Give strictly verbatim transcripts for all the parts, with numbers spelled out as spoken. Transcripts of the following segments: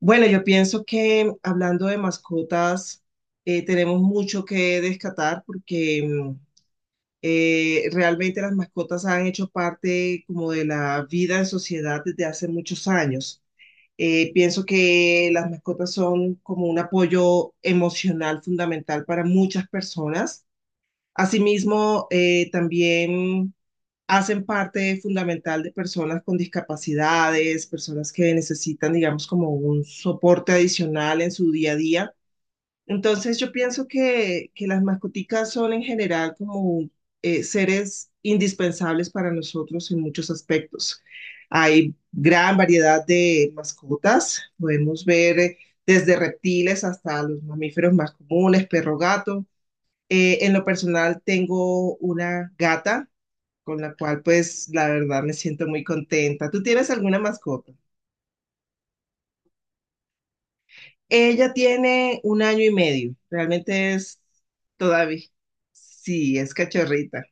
Bueno, yo pienso que hablando de mascotas, eh, tenemos mucho que descatar porque mm, eh, realmente las mascotas han hecho parte como de la vida en sociedad desde hace muchos años. Eh, pienso que las mascotas son como un apoyo emocional fundamental para muchas personas. Asimismo, eh, también hacen parte fundamental de personas con discapacidades, personas que necesitan, digamos, como un soporte adicional en su día a día. Entonces yo pienso que, que las mascoticas son en general como eh, seres indispensables para nosotros en muchos aspectos. Hay gran variedad de mascotas, podemos ver eh, desde reptiles hasta los mamíferos más comunes, perro, gato. Eh, en lo personal tengo una gata con la cual pues la verdad me siento muy contenta. ¿Tú tienes alguna mascota? Ella tiene un año y medio, realmente es todavía, sí, es cachorrita.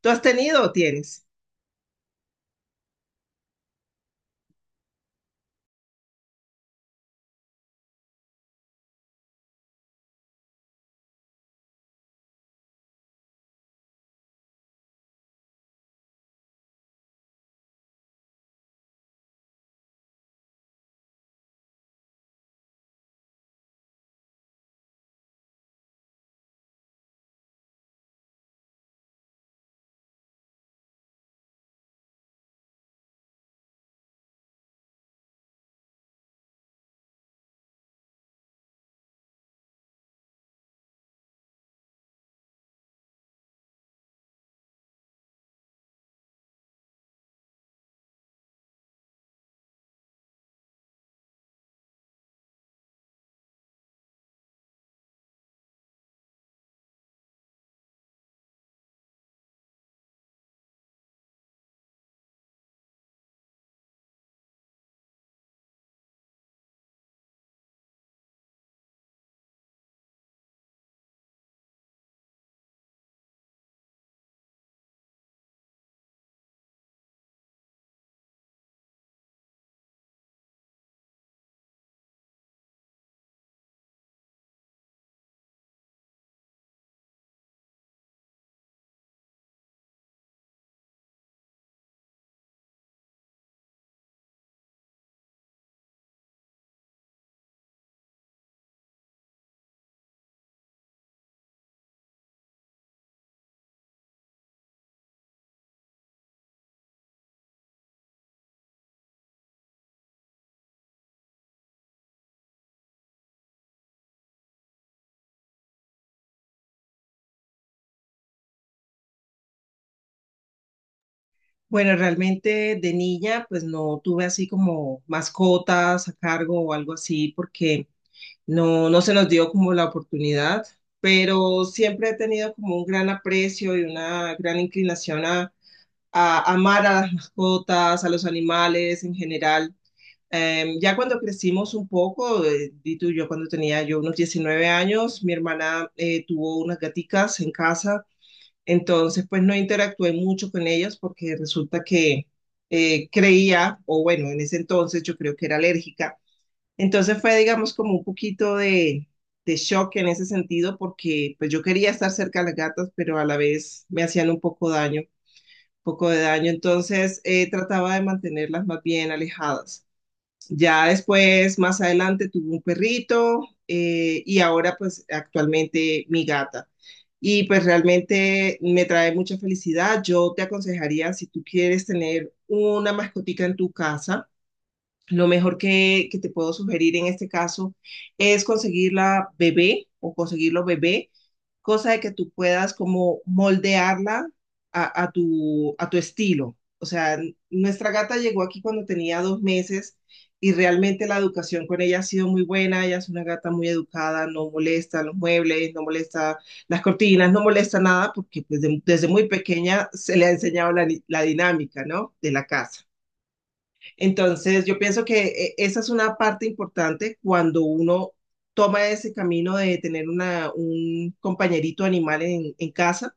¿Tú has tenido o tienes? Bueno, realmente de niña, pues no tuve así como mascotas a cargo o algo así, porque no, no se nos dio como la oportunidad, pero siempre he tenido como un gran aprecio y una gran inclinación a, a amar a las mascotas, a los animales en general. Eh, ya cuando crecimos un poco, eh, di tú, yo cuando tenía yo unos diecinueve años, mi hermana eh, tuvo unas gaticas en casa, entonces pues no interactué mucho con ellas porque resulta que eh, creía, o bueno, en ese entonces yo creo que era alérgica, entonces fue, digamos, como un poquito de, de shock en ese sentido porque pues yo quería estar cerca de las gatas, pero a la vez me hacían un poco daño, poco de daño. Entonces eh, trataba de mantenerlas más bien alejadas. Ya después, más adelante, tuve un perrito eh, y ahora pues actualmente mi gata. Y pues realmente me trae mucha felicidad. Yo te aconsejaría, si tú quieres tener una mascotica en tu casa, lo mejor que, que te puedo sugerir en este caso es conseguirla bebé o conseguirlo bebé, cosa de que tú puedas como moldearla a, a tu, a tu estilo. O sea, n- nuestra gata llegó aquí cuando tenía dos meses y realmente la educación con ella ha sido muy buena. Ella es una gata muy educada, no molesta los muebles, no molesta las cortinas, no molesta nada porque pues, de- desde muy pequeña se le ha enseñado la, la dinámica, ¿no? De la casa. Entonces, yo pienso que eh, esa es una parte importante cuando uno toma ese camino de tener una, un compañerito animal en, en casa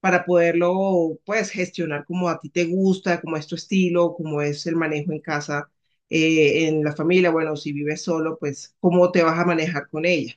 para poderlo, pues, gestionar como a ti te gusta, como es tu estilo, como es el manejo en casa, eh, en la familia. Bueno, si vives solo, pues, ¿cómo te vas a manejar con ella?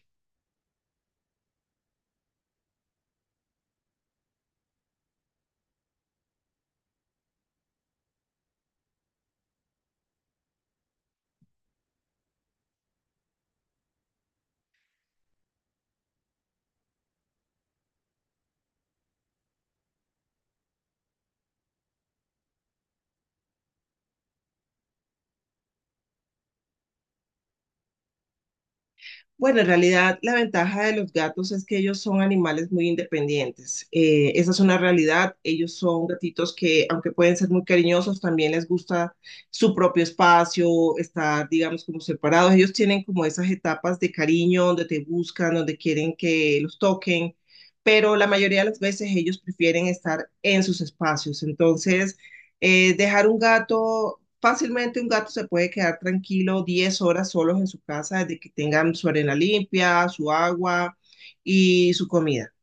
Bueno, en realidad la ventaja de los gatos es que ellos son animales muy independientes. Eh, esa es una realidad. Ellos son gatitos que, aunque pueden ser muy cariñosos, también les gusta su propio espacio, estar, digamos, como separados. Ellos tienen como esas etapas de cariño donde te buscan, donde quieren que los toquen, pero la mayoría de las veces ellos prefieren estar en sus espacios. Entonces, eh, dejar un gato fácilmente un gato se puede quedar tranquilo diez horas solos en su casa desde que tengan su arena limpia, su agua y su comida.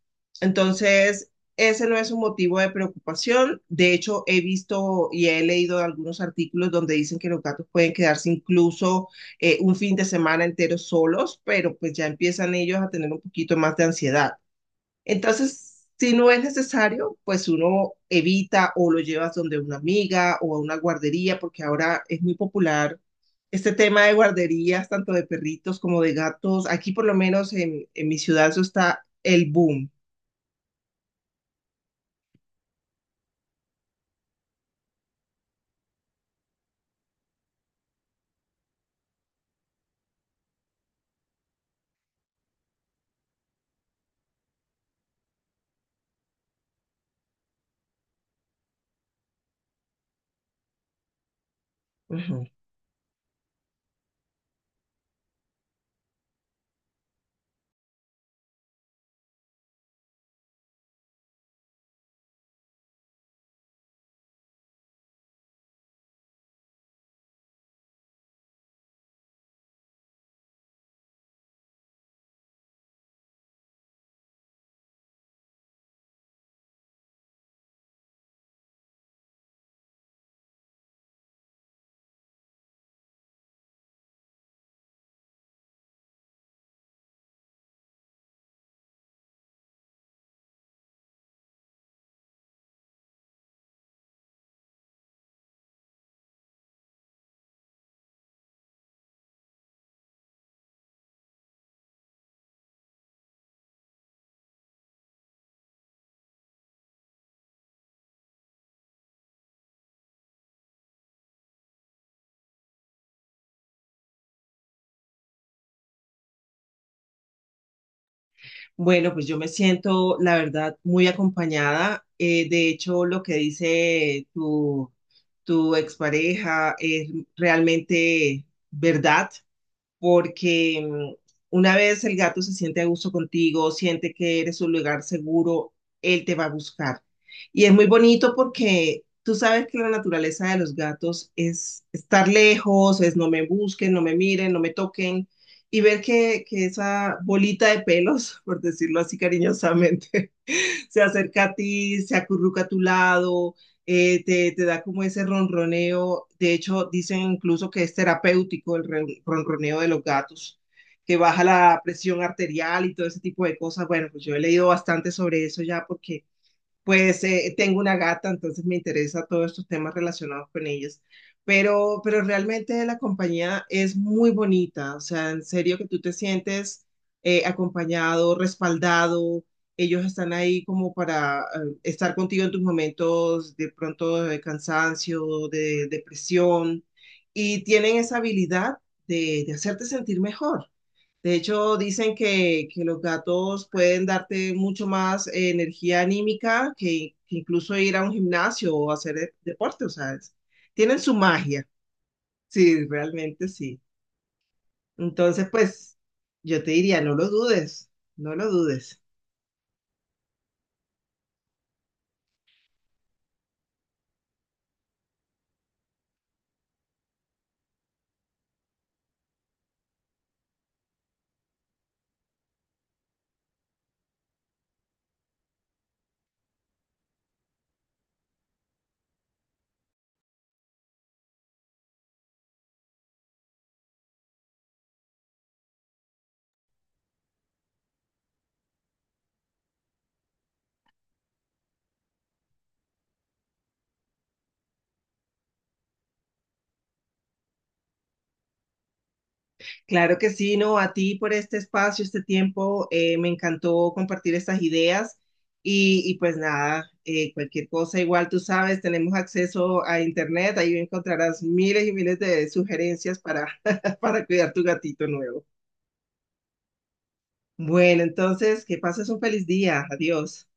Entonces, ese no es un motivo de preocupación. De hecho, he visto y he leído algunos artículos donde dicen que los gatos pueden quedarse incluso eh, un fin de semana entero solos, pero pues ya empiezan ellos a tener un poquito más de ansiedad. Entonces, si no es necesario, pues uno evita o lo llevas donde una amiga o a una guardería, porque ahora es muy popular este tema de guarderías, tanto de perritos como de gatos. Aquí por lo menos en, en mi ciudad eso está el boom. Ujú. Bueno, pues yo me siento, la verdad, muy acompañada. Eh, de hecho, lo que dice tu, tu expareja es realmente verdad, porque mm, una vez el gato se siente a gusto contigo, siente que eres un lugar seguro, él te va a buscar. Y es muy bonito porque tú sabes que la naturaleza de los gatos es estar lejos, es no me busquen, no me miren, no me toquen, y ver que, que esa bolita de pelos, por decirlo así cariñosamente, se acerca a ti, se acurruca a tu lado, eh, te, te, da como ese ronroneo. De hecho, dicen incluso que es terapéutico el re- ronroneo de los gatos, que baja la presión arterial y todo ese tipo de cosas. Bueno, pues yo he leído bastante sobre eso ya porque pues eh, tengo una gata, entonces me interesa todos estos temas relacionados con ellos. Pero, pero realmente la compañía es muy bonita, o sea, en serio que tú te sientes eh, acompañado, respaldado, ellos están ahí como para eh, estar contigo en tus momentos de pronto de cansancio, de depresión, y tienen esa habilidad de, de hacerte sentir mejor. De hecho, dicen que, que los gatos pueden darte mucho más eh, energía anímica que, que incluso ir a un gimnasio o hacer eh, deporte, o sea, es- tienen su magia, sí, realmente sí. Entonces, pues yo te diría, no lo dudes, no lo dudes. Claro que sí, no, a ti por este espacio, este tiempo, eh, me encantó compartir estas ideas y, y pues nada, eh, cualquier cosa, igual tú sabes, tenemos acceso a internet, ahí encontrarás miles y miles de sugerencias para, para cuidar tu gatito nuevo. Bueno, entonces, que pases un feliz día, adiós.